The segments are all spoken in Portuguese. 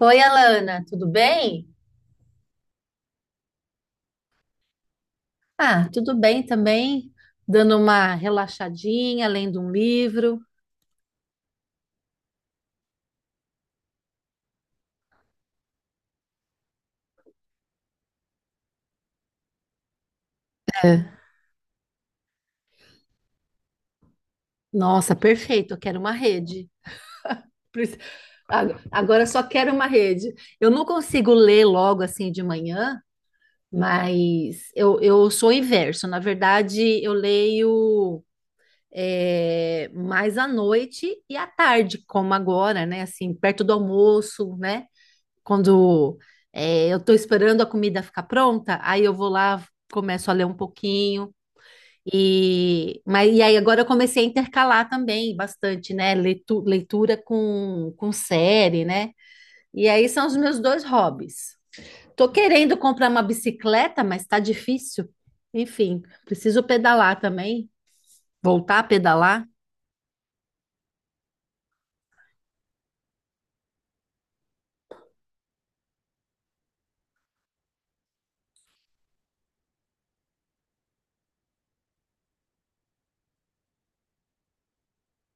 Oi, Alana, tudo bem? Ah, tudo bem também, dando uma relaxadinha, lendo um livro. É. Nossa, perfeito, eu quero uma rede. Prec- Agora eu só quero uma rede. Eu não consigo ler logo assim de manhã, mas eu sou o inverso. Na verdade, eu leio mais à noite e à tarde, como agora, né? Assim, perto do almoço, né? Quando eu estou esperando a comida ficar pronta, aí eu vou lá, começo a ler um pouquinho. E aí agora eu comecei a intercalar também bastante, né? Leitura com série, né? E aí são os meus dois hobbies. Tô querendo comprar uma bicicleta, mas tá difícil. Enfim, preciso pedalar também, voltar a pedalar.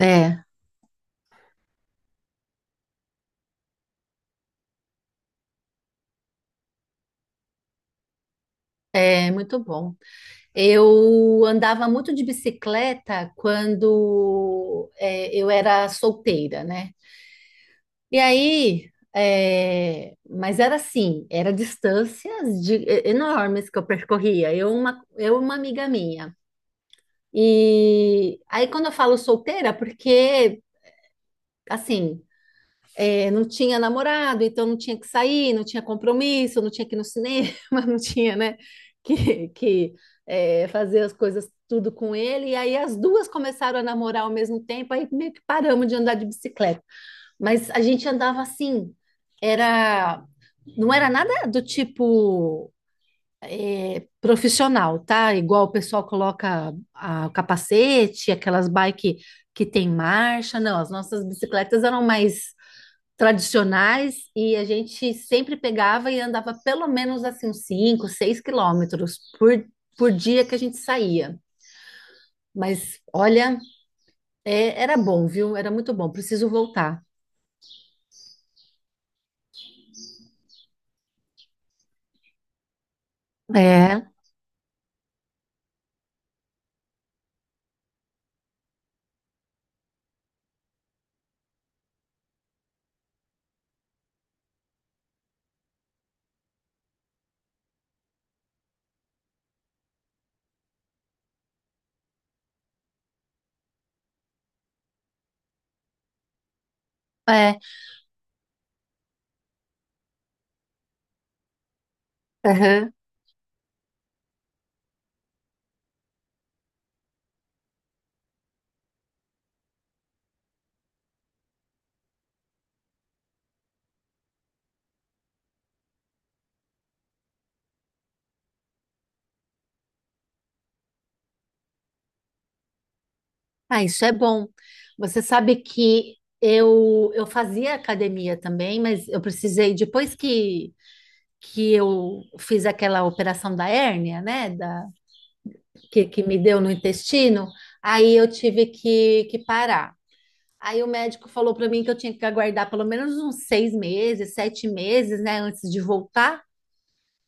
É, é muito bom. Eu andava muito de bicicleta quando eu era solteira, né? Mas era assim, era distâncias enormes que eu percorria. Eu e uma amiga minha. E aí quando eu falo solteira, porque assim, é, não tinha namorado, então não tinha que sair, não tinha compromisso, não tinha que ir no cinema, não tinha, né, que, que fazer as coisas tudo com ele. E aí as duas começaram a namorar ao mesmo tempo, aí meio que paramos de andar de bicicleta. Mas a gente andava assim, era, não era nada do tipo profissional, tá? Igual o pessoal coloca o capacete, aquelas bike que tem marcha, não, as nossas bicicletas eram mais tradicionais e a gente sempre pegava e andava pelo menos assim uns 5, 6 quilômetros por dia que a gente saía. Mas olha, era bom, viu? Era muito bom. Preciso voltar. É, é. Aham. Ah, isso é bom. Você sabe que eu fazia academia também, mas eu precisei depois que eu fiz aquela operação da hérnia, né, da que me deu no intestino, aí eu tive que parar. Aí o médico falou para mim que eu tinha que aguardar pelo menos uns seis meses, sete meses, né, antes de voltar.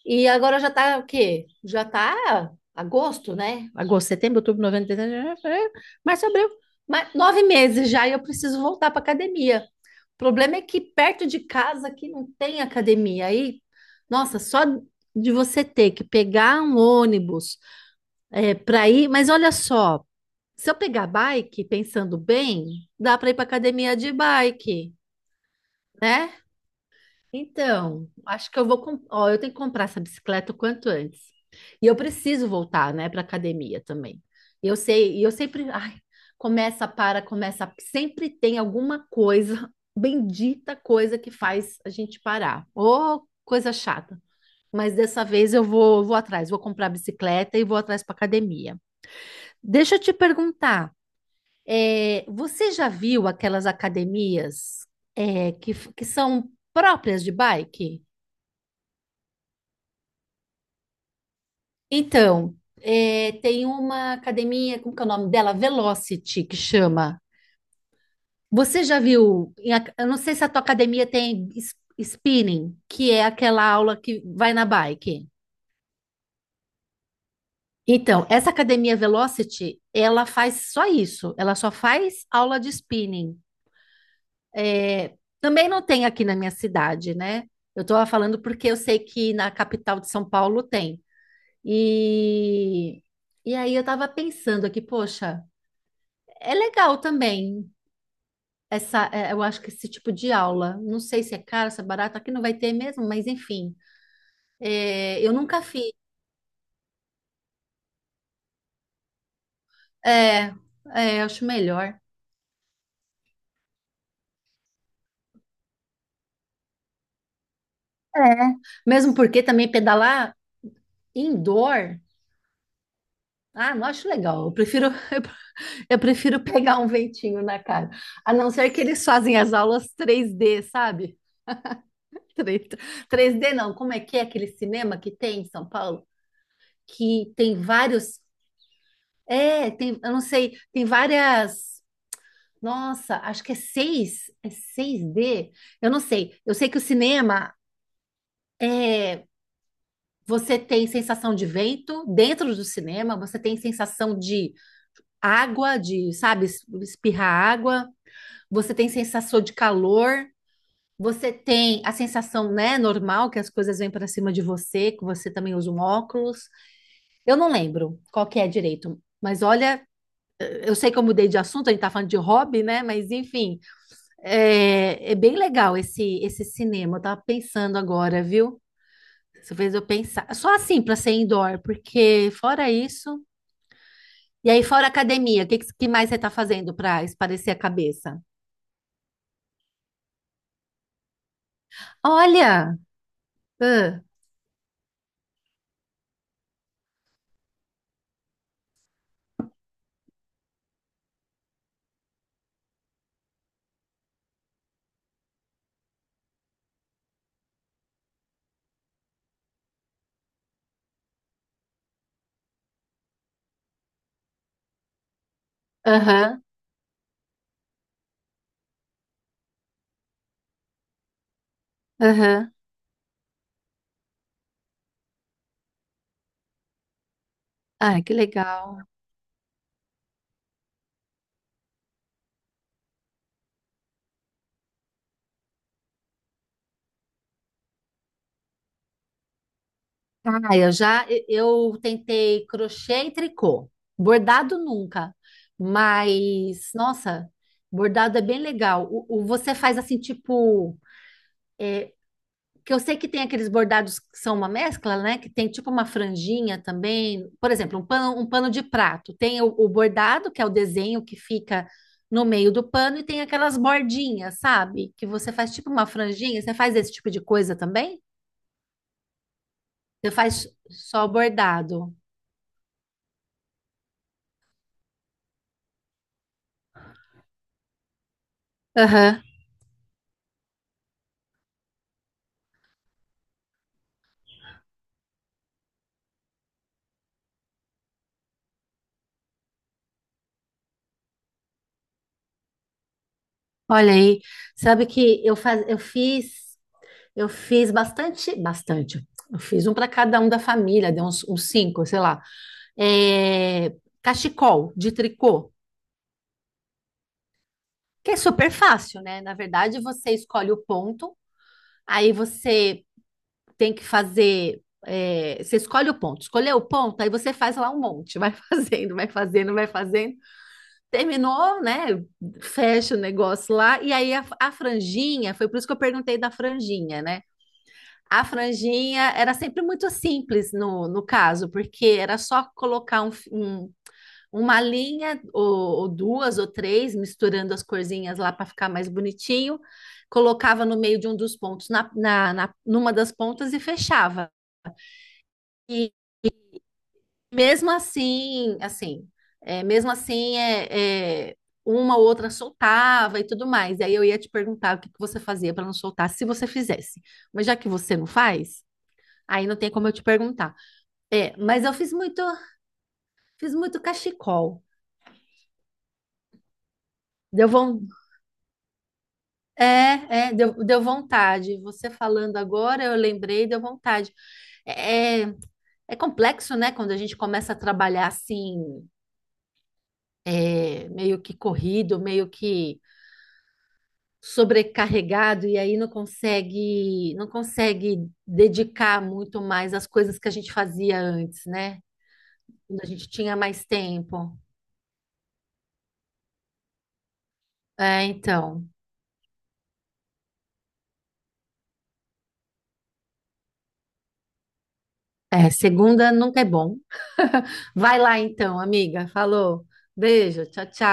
E agora já tá o quê? Já tá agosto, né? Agosto, setembro, outubro, novembro, dezembro, janeiro, março, abril. Mas nove meses já e eu preciso voltar para academia. O problema é que perto de casa aqui não tem academia. Aí, nossa, só de você ter que pegar um ônibus para ir. Mas olha só, se eu pegar bike, pensando bem, dá para ir para academia de bike. Né? Então, acho que eu vou. Ó, eu tenho que comprar essa bicicleta o quanto antes. E eu preciso voltar, né, para academia também. E eu sei, e eu sempre. Ai, começa, para, começa. Sempre tem alguma coisa, bendita coisa que faz a gente parar. Ô, coisa chata. Mas dessa vez eu vou, vou atrás, vou comprar a bicicleta e vou atrás para academia. Deixa eu te perguntar. É, você já viu aquelas academias que são próprias de bike? Então, é, tem uma academia, como que é o nome dela? Velocity, que chama. Você já viu? Eu não sei se a tua academia tem spinning, que é aquela aula que vai na bike. Então, essa academia Velocity, ela faz só isso. Ela só faz aula de spinning. É, também não tem aqui na minha cidade, né? Eu estou falando porque eu sei que na capital de São Paulo tem. E, e aí eu estava pensando aqui, poxa, é legal também eu acho que esse tipo de aula. Não sei se é caro, se é barato, aqui não vai ter mesmo, mas enfim. É, eu nunca fiz. É, é, eu acho melhor. É. Mesmo porque também pedalar indoor, ah, não acho legal. Eu prefiro, eu prefiro pegar um ventinho na cara. A não ser que eles fazem as aulas 3D, sabe? 3D 3D não, como é que é aquele cinema que tem em São Paulo? Que tem vários. É, tem, eu não sei, tem várias. Nossa, acho que é 6. É 6D. Eu não sei. Eu sei que o cinema é. Você tem sensação de vento dentro do cinema, você tem sensação de água, de, sabe, espirrar água, você tem sensação de calor. Você tem a sensação, né, normal que as coisas vêm para cima de você, que você também usa um óculos. Eu não lembro qual que é direito, mas olha, eu sei que eu mudei de assunto, a gente tá falando de hobby, né? Mas enfim, é, é bem legal esse cinema. Eu tava pensando agora, viu? Você fez eu pensar. Só assim para ser indoor, porque fora isso. E aí, fora academia, o que, que mais você tá fazendo para esparecer a cabeça? Olha! Ah, aham, aham. Ah, que legal. Ah, eu já eu tentei crochê e tricô. Bordado nunca, mas nossa, bordado é bem legal. Você faz assim tipo, que eu sei que tem aqueles bordados que são uma mescla, né? Que tem tipo uma franjinha também. Por exemplo, um pano de prato. Tem o bordado, que é o desenho que fica no meio do pano, e tem aquelas bordinhas, sabe? Que você faz tipo uma franjinha. Você faz esse tipo de coisa também? Você faz só bordado? Aham. Olha aí, sabe que eu fiz bastante, bastante. Eu fiz um para cada um da família, deu uns, uns cinco, sei lá. É, cachecol de tricô, que é super fácil, né? Na verdade, você escolhe o ponto, aí você tem que fazer. É, você escolhe o ponto, Escolheu o ponto, aí você faz lá um monte, vai fazendo, vai fazendo, vai fazendo. Terminou, né? Fecha o negócio lá, e aí a franjinha, foi por isso que eu perguntei da franjinha, né? A franjinha era sempre muito simples no caso, porque era só colocar uma linha ou duas ou três, misturando as corzinhas lá para ficar mais bonitinho, colocava no meio de um dos pontos, numa das pontas e fechava. E mesmo mesmo assim, uma ou outra soltava e tudo mais. E aí eu ia te perguntar o que que você fazia para não soltar, se você fizesse. Mas já que você não faz, aí não tem como eu te perguntar. É, mas eu fiz muito cachecol. Deu von... É, é, deu, deu vontade. Você falando agora, eu lembrei, deu vontade. É, é É complexo, né? Quando a gente começa a trabalhar assim, é, meio que corrido, meio que sobrecarregado, e aí não consegue, não consegue dedicar muito mais às coisas que a gente fazia antes, né? Quando a gente tinha mais tempo. É, então, é, segunda nunca é bom. Vai lá então, amiga. Falou. Beijo. Tchau, tchau.